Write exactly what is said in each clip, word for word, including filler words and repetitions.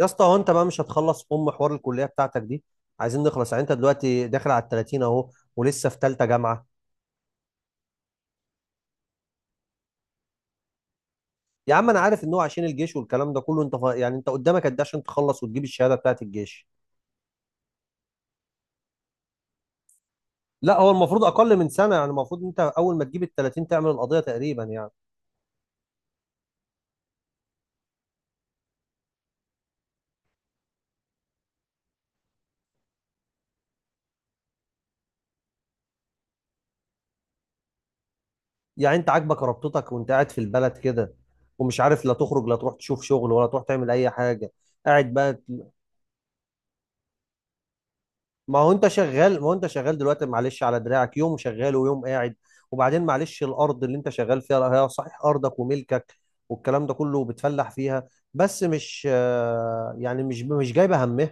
يا اسطى هو انت بقى مش هتخلص ام حوار الكليه بتاعتك دي؟ عايزين نخلص يعني. انت دلوقتي داخل على ال الثلاثين اهو ولسه في ثالثه جامعه. يا عم انا عارف ان هو عشان الجيش والكلام ده كله. انت ف... يعني انت قدامك قد ايه عشان تخلص وتجيب الشهاده بتاعت الجيش؟ لا هو المفروض اقل من سنه، يعني المفروض انت اول ما تجيب ال الثلاثين تعمل القضيه تقريبا يعني. يعني انت عاجبك ربطتك وانت قاعد في البلد كده، ومش عارف لا تخرج لا تروح تشوف شغل ولا تروح تعمل اي حاجه، قاعد بقى. ما هو انت شغال ما هو انت شغال دلوقتي، معلش، على دراعك يوم شغال ويوم قاعد. وبعدين معلش، الارض اللي انت شغال فيها هي صحيح ارضك وملكك والكلام ده كله، بتفلح فيها، بس مش آه، يعني مش مش جايبه همها.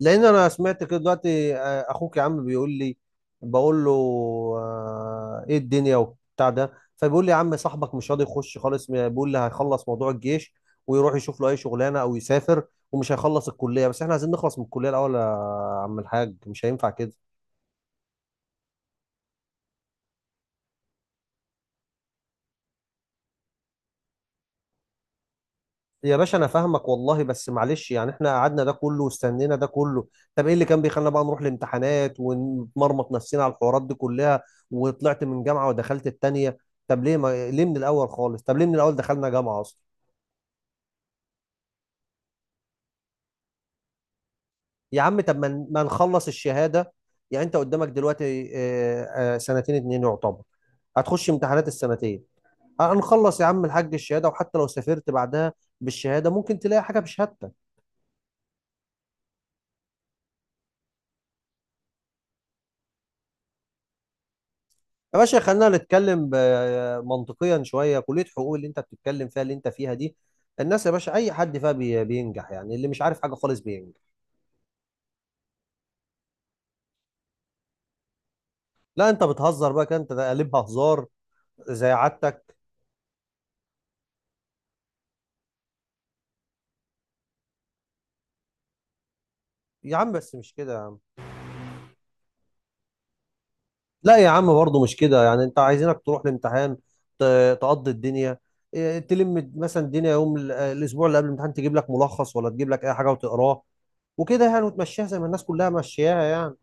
لان انا سمعت كده دلوقتي، آه، اخوك يا عم بيقول لي، بقول له آه، ايه الدنيا وبتاع ده، فبيقول لي يا عم صاحبك مش راضي يخش خالص، بيقول لي هيخلص موضوع الجيش ويروح يشوف له اي شغلانه او يسافر ومش هيخلص الكليه. بس احنا عايزين نخلص من الكليه الاول يا عم الحاج، مش هينفع كده. يا باشا انا فاهمك والله، بس معلش، يعني احنا قعدنا ده كله واستنينا ده كله. طب ايه اللي كان بيخلينا بقى نروح الامتحانات ونمرمط نفسنا على الحوارات دي كلها، وطلعت من جامعة ودخلت التانية؟ طب ليه ما إيه، ليه من الاول خالص؟ طب ليه من الاول دخلنا جامعة اصلا؟ يا عم طب ما ن- ما نخلص الشهادة. يعني انت قدامك دلوقتي، آه، آه، سنتين اتنين يعتبر، هتخش امتحانات السنتين، هنخلص يا عم الحاج الشهادة. وحتى لو سافرت بعدها بالشهادة ممكن تلاقي حاجة بشهادتك. يا باشا خلينا نتكلم ب- منطقيا شويه. كليه حقوق اللي انت بتتكلم فيها اللي انت فيها دي، الناس يا باشا اي حد فيها بي- بينجح، يعني اللي مش عارف حاجه خالص بينجح. لا انت بتهزر بقى كده، انت قلبها هزار زي عادتك. يا عم بس مش كده يا عم. لا يا عم برضه مش كده، يعني انت عايزينك تروح الامتحان ت- تقضي الدنيا. إيه، تلم مثلا الدنيا يوم ال- اه، الاسبوع اللي قبل الامتحان تجيب لك ملخص ولا تجيب لك اي حاجه وتقراه وكده يعني، وتمشيها زي ما الناس كلها ماشياها يعني.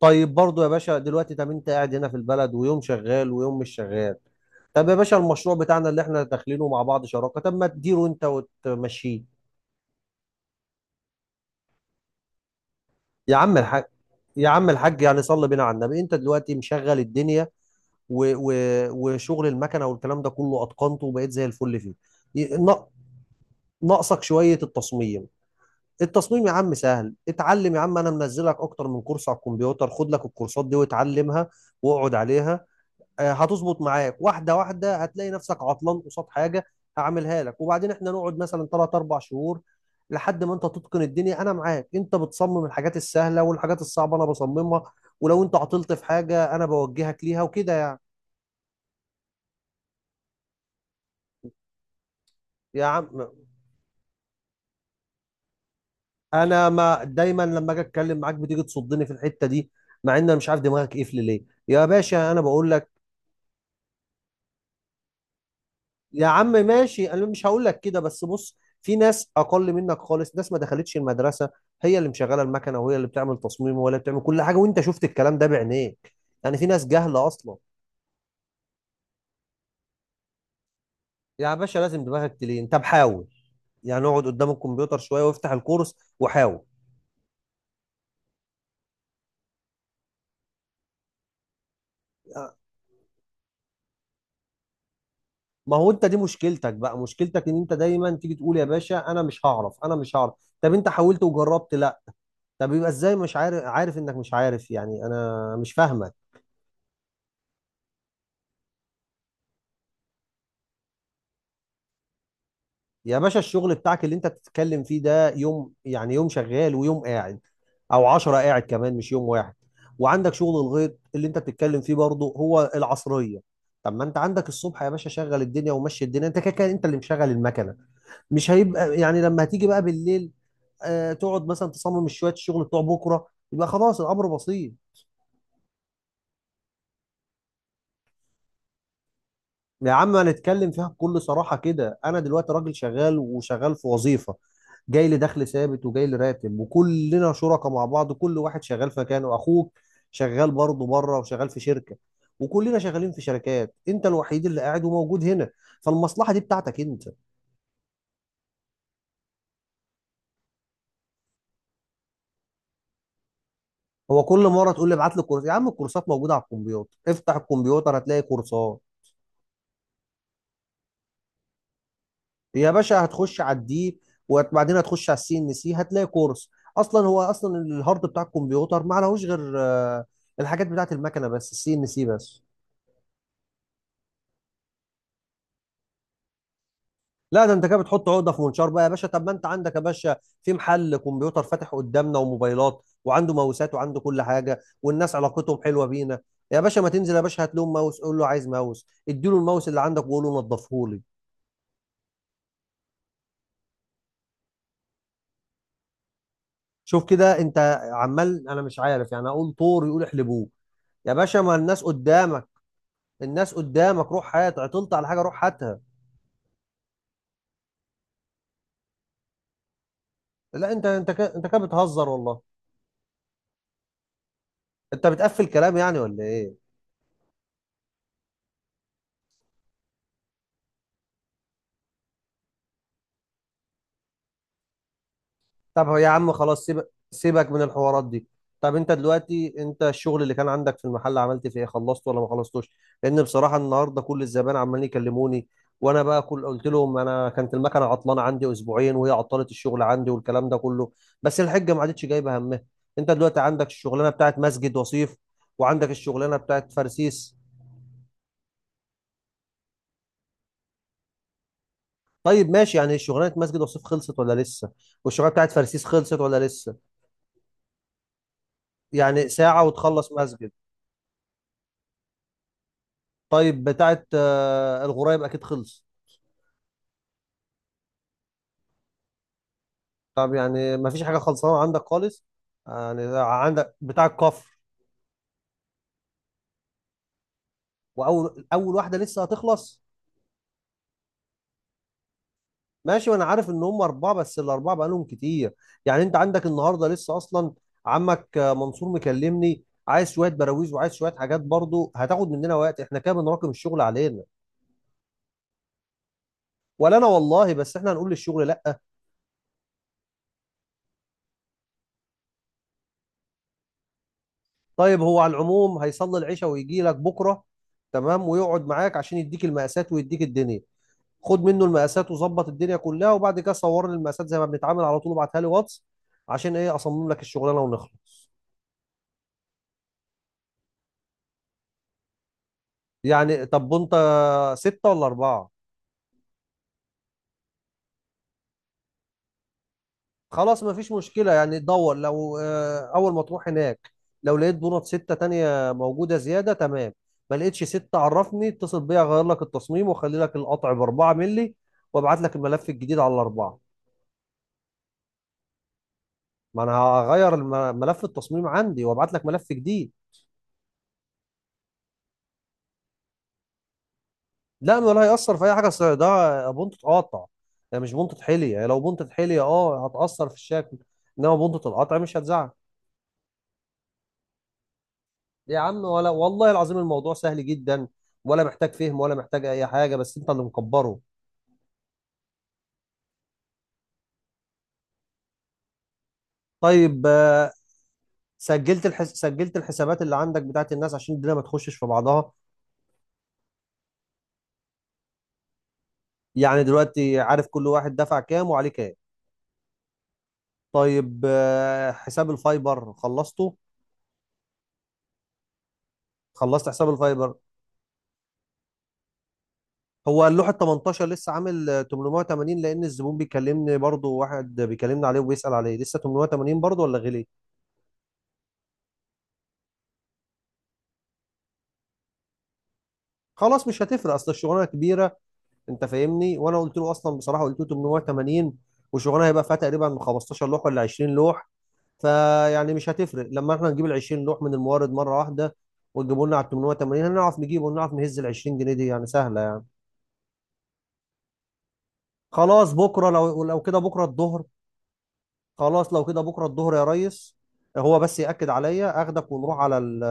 طيب برضو يا باشا، دلوقتي طب انت قاعد هنا في البلد ويوم شغال ويوم مش شغال. طب يا باشا المشروع بتاعنا اللي احنا داخلينه مع بعض شراكة، طب ما تديره انت وتمشيه. يا عم الحاج يا عم الحاج يعني صلي بينا على النبي. انت دلوقتي مشغل الدنيا و... و... وشغل المكنة والكلام ده كله، اتقنته وبقيت زي الفل فيه. ي- نا- ناقصك شوية التصميم. التصميم يا عم سهل، اتعلم يا عم، انا منزلك اكتر من كورس على الكمبيوتر، خد لك الكورسات دي واتعلمها واقعد عليها. آه، هتظبط معاك واحده واحده. هتلاقي نفسك عطلان قصاد حاجه، هعملها لك. وبعدين احنا نقعد مثلا ثلاث اربع شهور لحد ما انت تتقن الدنيا، انا معاك. انت بتصمم الحاجات السهله، والحاجات الصعبه انا بصممها. ولو انت عطلت في حاجه انا بوجهك ليها وكده يعني. يا عم انا ما دايما لما اجي اتكلم معاك بتيجي تصدني في الحته دي، مع ان انا مش عارف دماغك قفل ليه يا باشا. انا بقول لك يا عم ماشي، انا مش هقول لك كده، بس بص، في ناس اقل منك خالص، ناس ما دخلتش المدرسه، هي اللي مشغله المكنه وهي اللي بتعمل تصميم وهي اللي بتعمل كل حاجه، وانت شفت الكلام ده بعينيك. يعني في ناس جهله اصلا. يا باشا لازم دماغك تلين، طب حاول، يعني اقعد قدام الكمبيوتر شويه وافتح الكورس وحاول. ما هو انت دي مشكلتك بقى، مشكلتك ان انت دايما تيجي تقول يا باشا انا مش هعرف، انا مش هعرف. طب انت حاولت وجربت؟ لا. طب يبقى ازاي مش عارف؟ عارف انك مش عارف، يعني انا مش فاهمه. يا باشا الشغل بتاعك اللي انت بتتكلم فيه ده يوم، يعني يوم شغال ويوم قاعد، او عشرة قاعد كمان مش يوم واحد. وعندك شغل الغيط اللي انت بتتكلم فيه برضه، هو العصرية. طب ما انت عندك الصبح يا باشا شغل الدنيا ومشي الدنيا، انت كده كده انت اللي مشغل المكنة. مش هيبقى يعني لما هتيجي بقى بالليل آه تقعد مثلا تصمم شوية الشغل بتوع بكرة، يبقى خلاص الامر بسيط. يا عم هنتكلم فيها بكل صراحة كده. أنا دلوقتي راجل شغال، وشغال في وظيفة جاي لي دخل ثابت وجاي لي راتب، وكلنا شركاء مع بعض، كل واحد شغال في مكانه. أخوك شغال برضه بره وشغال في شركة، وكلنا شغالين في شركات، أنت الوحيد اللي قاعد وموجود هنا، فالمصلحة دي بتاعتك أنت. هو كل مرة تقول لي ابعت لي الكورس، يا عم الكورسات موجودة على الكمبيوتر، افتح الكمبيوتر هتلاقي كورسات. يا باشا هتخش على الدي وبعدين هتخش على السي ان سي هتلاقي كورس. اصلا هو اصلا الهارد بتاع الكمبيوتر ما لهوش غير آه، الحاجات بتاعت المكنه، بس السي ان سي بس. لا ده انت كده بتحط عقده في منشار بقى يا باشا. طب ما انت عندك يا باشا في محل كمبيوتر فاتح قدامنا وموبايلات، وعنده ماوسات وعنده كل حاجه والناس علاقتهم حلوه بينا. يا باشا ما تنزل يا باشا، هات لهم ماوس قول له عايز ماوس، اديله الماوس اللي عندك وقول له نضفه لي. شوف كده انت، عمال انا مش عارف يعني، اقول طور يقول احلبوه. يا باشا ما الناس قدامك، الناس قدامك، روح، هات، عطلت على حاجه روح هاتها. لا انت انت كده انت كده بتهزر والله. انت بتقفل كلام يعني ولا ايه؟ طب هو يا عم خلاص، سيبك سيبك من الحوارات دي. طب انت دلوقتي انت الشغل اللي كان عندك في المحل عملت فيه ايه؟ خلصته ولا ما خلصتوش؟ لان بصراحه النهارده كل الزبائن عمالين يكلموني، وانا بقى كل قلت لهم انا كانت المكنه عطلانه عندي اسبوعين وهي عطلت الشغل عندي والكلام ده كله، بس الحجه ما عادتش جايبه همها. انت دلوقتي عندك الشغلانه بتاعت مسجد وصيف، وعندك الشغلانه بتاعت فرسيس. طيب ماشي، يعني شغلانه مسجد وصيف خلصت ولا لسه؟ والشغلانه بتاعت فرسيس خلصت ولا لسه؟ يعني ساعه وتخلص مسجد. طيب بتاعت آه، الغرايب اكيد خلص. طب يعني ما فيش حاجه خلصانه عندك خالص، يعني عندك بتاع الكفر. واول اول واحده لسه هتخلص؟ ماشي. وانا عارف ان هم اربعه، بس الاربعه بقالهم كتير. يعني انت عندك النهارده لسه اصلا عمك آه، منصور مكلمني، عايز شويه براويز وعايز شويه حاجات برضو، هتاخد مننا وقت. احنا كده بنراكم الشغل علينا. ولا انا والله، بس احنا هنقول للشغل لا؟ طيب هو على العموم هيصلي العشاء ويجي لك بكره، تمام، ويقعد معاك عشان يديك المقاسات ويديك الدنيا. خد منه المقاسات وظبط الدنيا كلها، وبعد كده صور لي المقاسات زي ما بنتعامل على طول وابعتها لي واتس، عشان ايه اصمم لك الشغلانه ونخلص. يعني طب وانت ستة ولا أربعة؟ خلاص مفيش مشكلة، يعني دور لو آه، أول ما تروح هناك، لو لقيت دونات ستة تانية موجودة زيادة تمام، ما لقيتش ستة عرفني، اتصل بيا أغير لك التصميم وأخلي لك القطع بأربعة ملي وأبعت لك الملف الجديد على الأربعة. ما انا هغير الم- ملف التصميم عندي وابعت لك ملف جديد. لا ولا هيأثر في اي حاجه، اصل ده بونت اتقطع، يعني مش بونت حلي. يعني لو بونت حلي اه هتأثر في الشكل، انما بونت القطع مش هتزعل. يا عم ولا والله العظيم الموضوع سهل جدا، ولا محتاج فهم ولا محتاج اي حاجه، بس انت اللي مكبره. طيب آه، سجلت الحس... سجلت الحسابات اللي عندك بتاعت الناس عشان الدنيا ما تخشش في بعضها؟ يعني دلوقتي عارف كل واحد دفع كام وعليه كام؟ طيب آه، حساب الفايبر خلصته؟ خلصت حساب الفايبر. هو اللوحة تمنتاشر لسه عامل آه، تمنمية وتمانين، لأن الزبون بيكلمني برضه، واحد بيكلمني عليه وبيسأل عليه، لسه تمنمية وتمانين برضه ولا غلي؟ خلاص مش هتفرق، أصل الشغلانة كبيرة، أنت فاهمني، وأنا قلت له أصلا، بصراحة قلت له تمنمية وتمانين، والشغلانة هيبقى فيها تقريبا 15 لوح ولا 20 لوح. فيعني مش هتفرق لما احنا نجيب ال 20 لوح من المورد مرة واحده، وتجيبوا لنا على تمنمية وتمانين، هنعرف نجيبه ونعرف نهز ال عشرين جنيه دي، يعني سهله يعني. خلاص بكره، لو لو كده بكره الظهر. خلاص لو كده بكره الظهر يا ريس، هو بس ياكد عليا، اخدك ونروح على ال...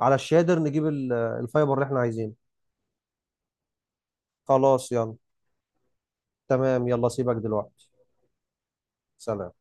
على الشادر نجيب ال- الفايبر اللي احنا عايزينه. خلاص يلا، تمام يلا، سيبك دلوقتي. سلام.